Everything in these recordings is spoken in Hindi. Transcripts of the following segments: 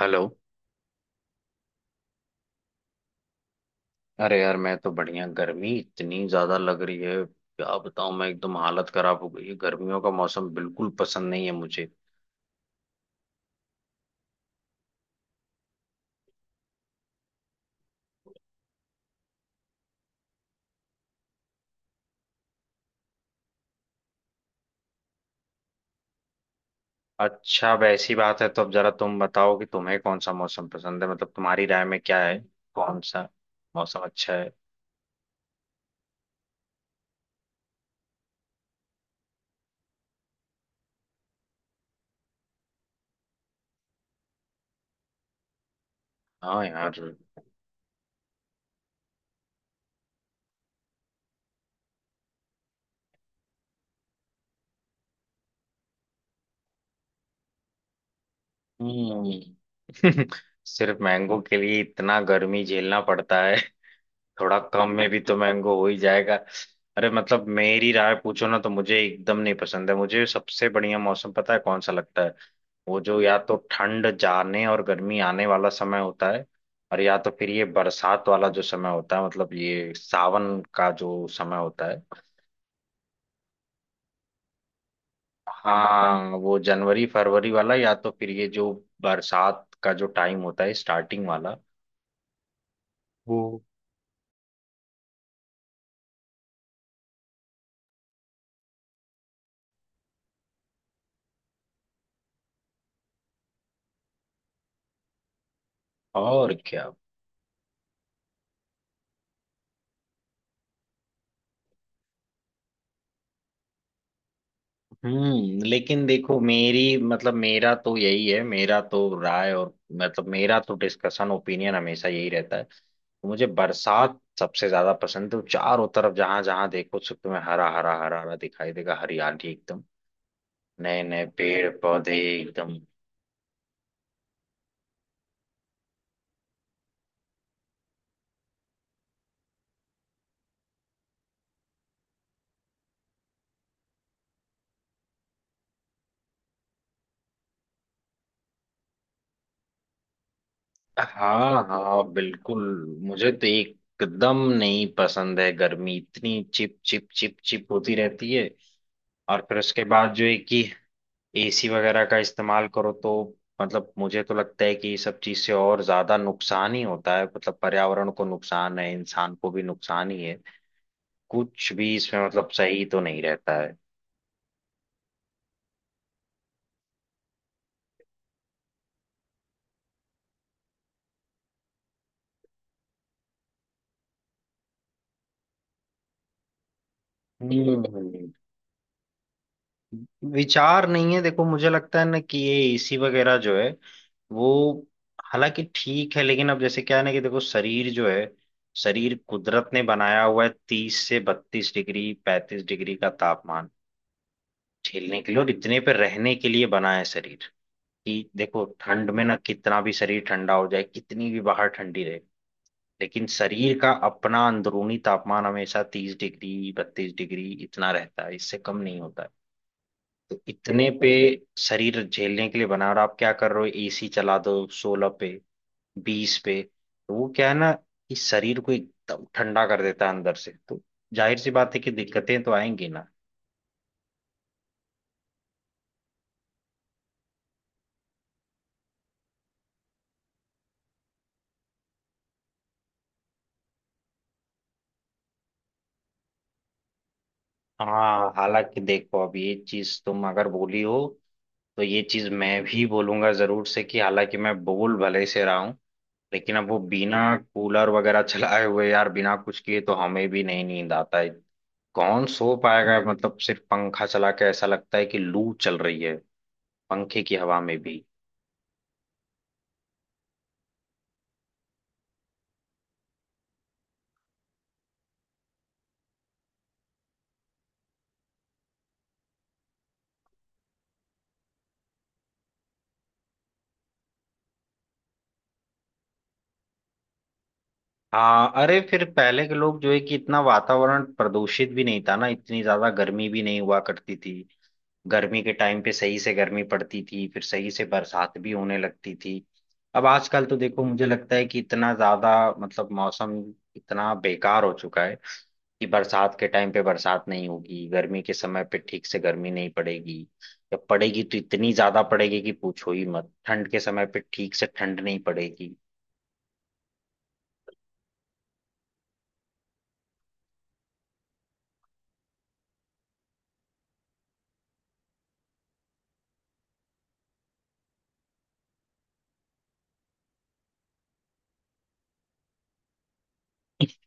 हेलो। अरे यार, मैं तो बढ़िया। गर्मी इतनी ज्यादा लग रही है, क्या बताऊं, मैं एकदम हालत खराब हो गई है। गर्मियों का मौसम बिल्कुल पसंद नहीं है मुझे। अच्छा, अब ऐसी बात है तो अब जरा तुम बताओ कि तुम्हें कौन सा मौसम पसंद है, मतलब तुम्हारी राय में क्या है? कौन सा मौसम अच्छा है? हाँ यार। हम्म। सिर्फ मैंगो के लिए इतना गर्मी झेलना पड़ता है। थोड़ा कम में भी तो मैंगो हो ही जाएगा। अरे मतलब मेरी राय पूछो ना तो मुझे एकदम नहीं पसंद है, मुझे सबसे बढ़िया मौसम पता है कौन सा लगता है? वो जो या तो ठंड जाने और गर्मी आने वाला समय होता है। और या तो फिर ये बरसात वाला जो समय होता है, मतलब ये सावन का जो समय होता है। हाँ, वो जनवरी फरवरी वाला या तो फिर ये जो बरसात का जो टाइम होता है, स्टार्टिंग वाला। वो। और क्या। हम्म। लेकिन देखो, मेरी, मतलब मेरा तो यही है, मेरा तो राय, और मतलब मेरा तो डिस्कशन ओपिनियन हमेशा यही रहता है, तो मुझे बरसात सबसे ज्यादा पसंद है। तो चारों तरफ जहां जहां देखो सब तुम्हें हरा हरा हरा हरा दिखाई देगा, हरियाली एकदम। नए नए पेड़ पौधे एकदम। हाँ हाँ बिल्कुल। मुझे तो एकदम नहीं पसंद है गर्मी, इतनी चिप चिप चिप चिप होती रहती है। और फिर उसके बाद जो है कि एसी वगैरह का इस्तेमाल करो, तो मतलब मुझे तो लगता है कि ये सब चीज से और ज्यादा नुकसान ही होता है, मतलब पर्यावरण को नुकसान है, इंसान को भी नुकसान ही है। कुछ भी इसमें मतलब सही तो नहीं रहता है। हम्म। विचार नहीं है, देखो मुझे लगता है ना कि ये एसी वगैरह जो है, वो हालांकि ठीक है, लेकिन अब जैसे क्या है ना कि देखो शरीर जो है, शरीर कुदरत ने बनाया हुआ है 30 से 32 डिग्री 35 डिग्री का तापमान झेलने के लिए, और इतने पे रहने के लिए बना है शरीर। कि देखो ठंड में ना कितना भी शरीर ठंडा हो जाए, कितनी भी बाहर ठंडी रहे, लेकिन शरीर का अपना अंदरूनी तापमान हमेशा 30 डिग्री 32 डिग्री इतना रहता है, इससे कम नहीं होता है। तो इतने पे शरीर झेलने के लिए बना, और आप क्या कर रहे हो? एसी चला दो 16 पे, 20 पे। तो वो क्या है ना कि शरीर को एकदम ठंडा कर देता है अंदर से, तो जाहिर सी बात है कि दिक्कतें तो आएंगी ना। हाँ, हालांकि देखो अब ये चीज तुम अगर बोली हो, तो ये चीज मैं भी बोलूंगा जरूर से, कि हालांकि मैं बोल भले से रहा हूं, लेकिन अब वो बिना कूलर वगैरह चलाए हुए यार, बिना कुछ किए तो हमें भी नहीं नींद आता है। कौन सो पाएगा? मतलब सिर्फ पंखा चला के ऐसा लगता है कि लू चल रही है पंखे की हवा में भी। हाँ, अरे फिर पहले के लोग जो है कि इतना वातावरण प्रदूषित भी नहीं था ना, इतनी ज्यादा गर्मी भी नहीं हुआ करती थी। गर्मी के टाइम पे सही से गर्मी पड़ती थी, फिर सही से बरसात भी होने लगती थी। अब आजकल तो देखो मुझे लगता है कि इतना ज्यादा, मतलब मौसम इतना बेकार हो चुका है कि बरसात के टाइम पे बरसात नहीं होगी, गर्मी के समय पे ठीक से गर्मी नहीं पड़ेगी, या पड़ेगी तो इतनी ज्यादा पड़ेगी कि पूछो ही मत, ठंड के समय पे ठीक से ठंड नहीं पड़ेगी।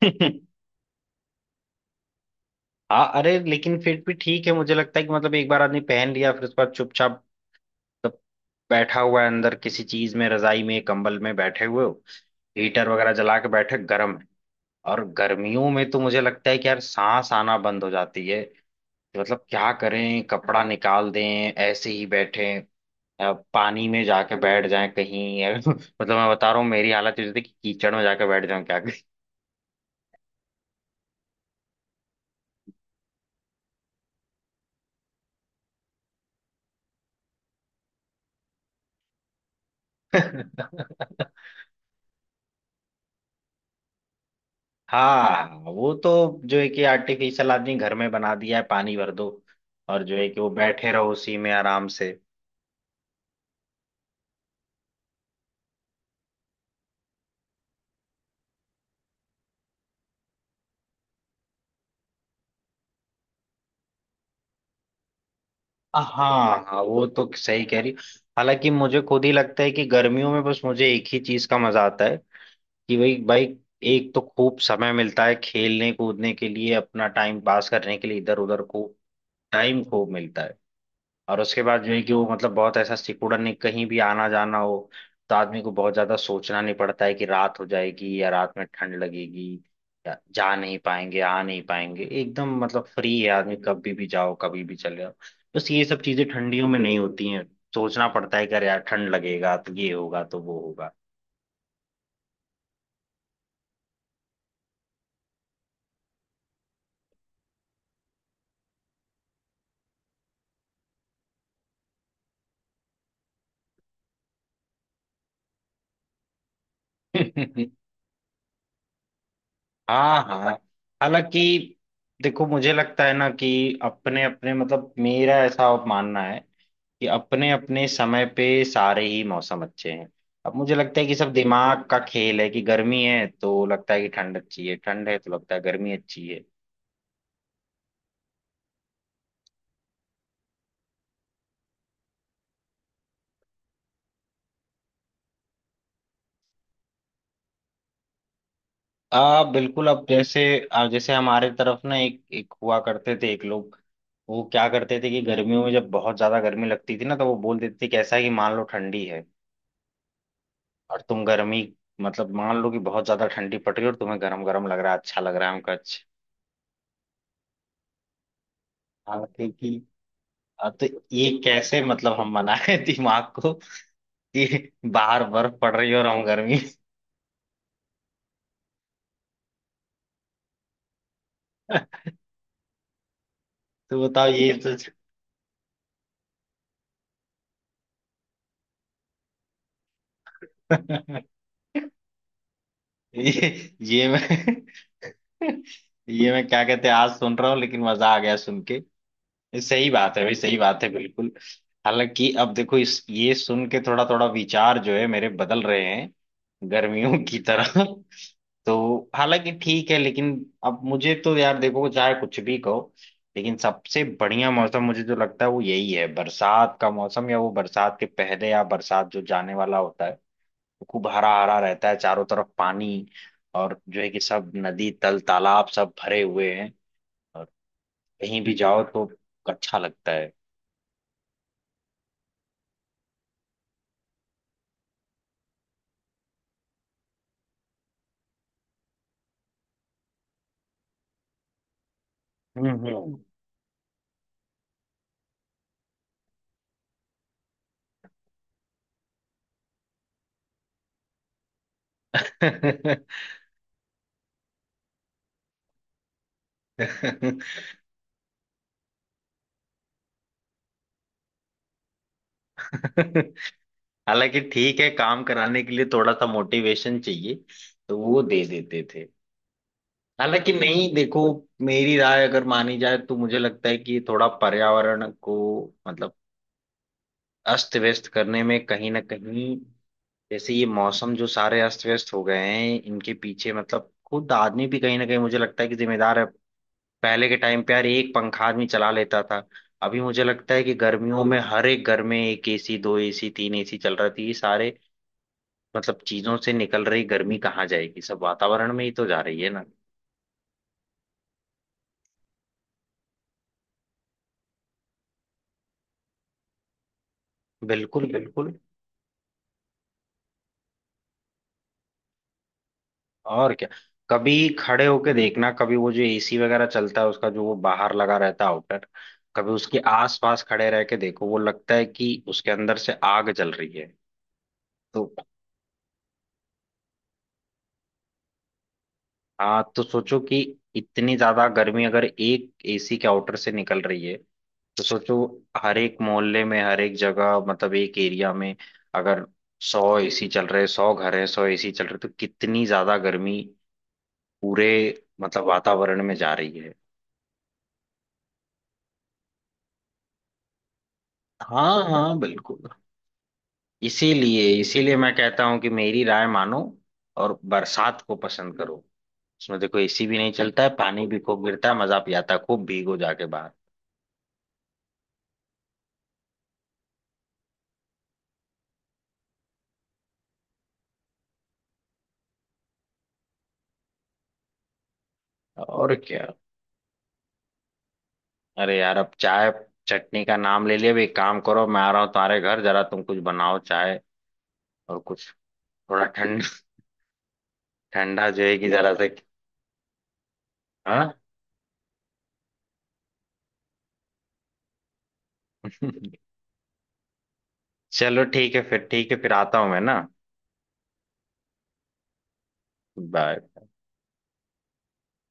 हाँ, अरे लेकिन फिर भी ठीक है, मुझे लगता है कि मतलब एक बार आदमी पहन लिया फिर उसके बाद चुपचाप सब बैठा हुआ है अंदर किसी चीज में, रजाई में, कंबल में बैठे हुए हो, हीटर वगैरह जला के बैठे गर्म है। और गर्मियों में तो मुझे लगता है कि यार सांस आना बंद हो जाती है, तो मतलब क्या करें, कपड़ा निकाल दें, ऐसे ही बैठे, पानी में जाके बैठ जाएं कहीं। मतलब मैं बता रहा हूँ, मेरी हालत ये होती है कि कीचड़ में जाके बैठ जाऊं क्या करें। हाँ वो तो जो है कि आर्टिफिशियल आदमी घर में बना दिया है, पानी भर दो और जो है कि वो बैठे रहो उसी में आराम से। हाँ हाँ, वो तो सही कह रही, हालांकि मुझे खुद ही लगता है कि गर्मियों में बस मुझे एक ही चीज का मजा आता है कि भाई भाई, एक तो खूब समय मिलता है खेलने कूदने के लिए, अपना टाइम पास करने के लिए इधर उधर खूब टाइम खूब मिलता है। और उसके बाद जो है कि वो मतलब बहुत ऐसा सिकुड़न नहीं, कहीं भी आना जाना हो तो आदमी को बहुत ज्यादा सोचना नहीं पड़ता है कि रात हो जाएगी, या रात में ठंड लगेगी, या जा नहीं पाएंगे, आ नहीं पाएंगे, एकदम मतलब फ्री है आदमी, कभी भी जाओ कभी भी चले जाओ। बस ये सब चीजें ठंडियों में नहीं होती हैं। सोचना पड़ता है कि अरे यार ठंड लगेगा तो ये होगा, तो वो होगा। हाँ हाँ, हालांकि देखो मुझे लगता है ना कि अपने अपने, मतलब मेरा ऐसा मानना है कि अपने अपने समय पे सारे ही मौसम अच्छे हैं। अब मुझे लगता है कि सब दिमाग का खेल है कि गर्मी है तो लगता है कि ठंड अच्छी है, ठंड है तो लगता है गर्मी अच्छी है। आ बिल्कुल, अब जैसे जैसे हमारे तरफ ना एक एक हुआ करते थे, एक लोग, वो क्या करते थे कि गर्मियों में जब बहुत ज्यादा गर्मी लगती थी ना तो वो बोल देते थे कि ऐसा है कि मान लो ठंडी है, और तुम गर्मी, मतलब मान लो कि बहुत ज्यादा ठंडी पड़ रही है और तुम्हें गर्म गर्म लग रहा है, अच्छा लग रहा है हमको अच्छा। हाँ, क्योंकि अब तो ये कैसे मतलब हम मनाए दिमाग को कि बाहर बर्फ पड़ रही है और हम गर्मी। तो बताओ ये तो ये मैं ये मैं क्या कहते हैं आज सुन रहा हूँ, लेकिन मजा आ गया सुन के। ये सही बात है भाई, सही बात है बिल्कुल। हालांकि अब देखो, इस ये सुन के थोड़ा थोड़ा विचार जो है मेरे बदल रहे हैं गर्मियों की तरह। तो हालांकि ठीक है, लेकिन अब मुझे तो यार देखो चाहे कुछ भी कहो, लेकिन सबसे बढ़िया मौसम मुझे जो लगता है वो यही है, बरसात का मौसम, या वो बरसात के पहले या बरसात जो जाने वाला होता है। वो खूब हरा हरा रहता है, चारों तरफ पानी, और जो है कि सब नदी तल तालाब सब भरे हुए हैं, और कहीं भी जाओ तो अच्छा लगता है। हम्म हम्म। हालांकि ठीक है, काम कराने के लिए थोड़ा सा मोटिवेशन चाहिए, तो वो दे देते थे। हालांकि नहीं, देखो मेरी राय अगर मानी जाए तो मुझे लगता है कि थोड़ा पर्यावरण को मतलब अस्त व्यस्त करने में, कहीं ना कहीं जैसे ये मौसम जो सारे अस्त व्यस्त हो गए हैं, इनके पीछे मतलब खुद आदमी भी कहीं ना कहीं मुझे लगता है कि जिम्मेदार है। पहले के टाइम पे यार एक पंखा आदमी चला लेता था, अभी मुझे लगता है कि गर्मियों में हर एक घर में एक एसी, दो एसी, तीन एसी चल रहा थी, ये सारे मतलब चीजों से निकल रही गर्मी कहाँ जाएगी? सब वातावरण में ही तो जा रही है ना। बिल्कुल बिल्कुल, और क्या। कभी खड़े होके देखना, कभी वो जो एसी वगैरह चलता है उसका जो वो बाहर लगा रहता है आउटर, कभी उसके आसपास खड़े रह के देखो, वो लगता है कि उसके अंदर से आग जल रही है। तो हाँ, तो सोचो कि इतनी ज्यादा गर्मी अगर एक एसी के आउटर से निकल रही है, तो सोचो हर एक मोहल्ले में, हर एक जगह, मतलब एक एरिया में अगर 100 एसी चल रहे, 100 घर हैं, 100 एसी चल रहे, तो कितनी ज्यादा गर्मी पूरे मतलब वातावरण में जा रही है। हाँ हाँ बिल्कुल, इसीलिए इसीलिए मैं कहता हूँ कि मेरी राय मानो और बरसात को पसंद करो। उसमें देखो एसी भी नहीं चलता है, पानी भी खूब गिरता है, मजा भी आता है खूब भीगो जाके बाहर। और क्या, अरे यार अब चाय चटनी का नाम ले लिया, अब एक काम करो, मैं आ रहा हूँ तुम्हारे घर, जरा तुम कुछ बनाओ चाय और कुछ, थोड़ा ठंडा जो है कि जरा से। हाँ। चलो ठीक है, फिर आता हूँ मैं ना। बाय।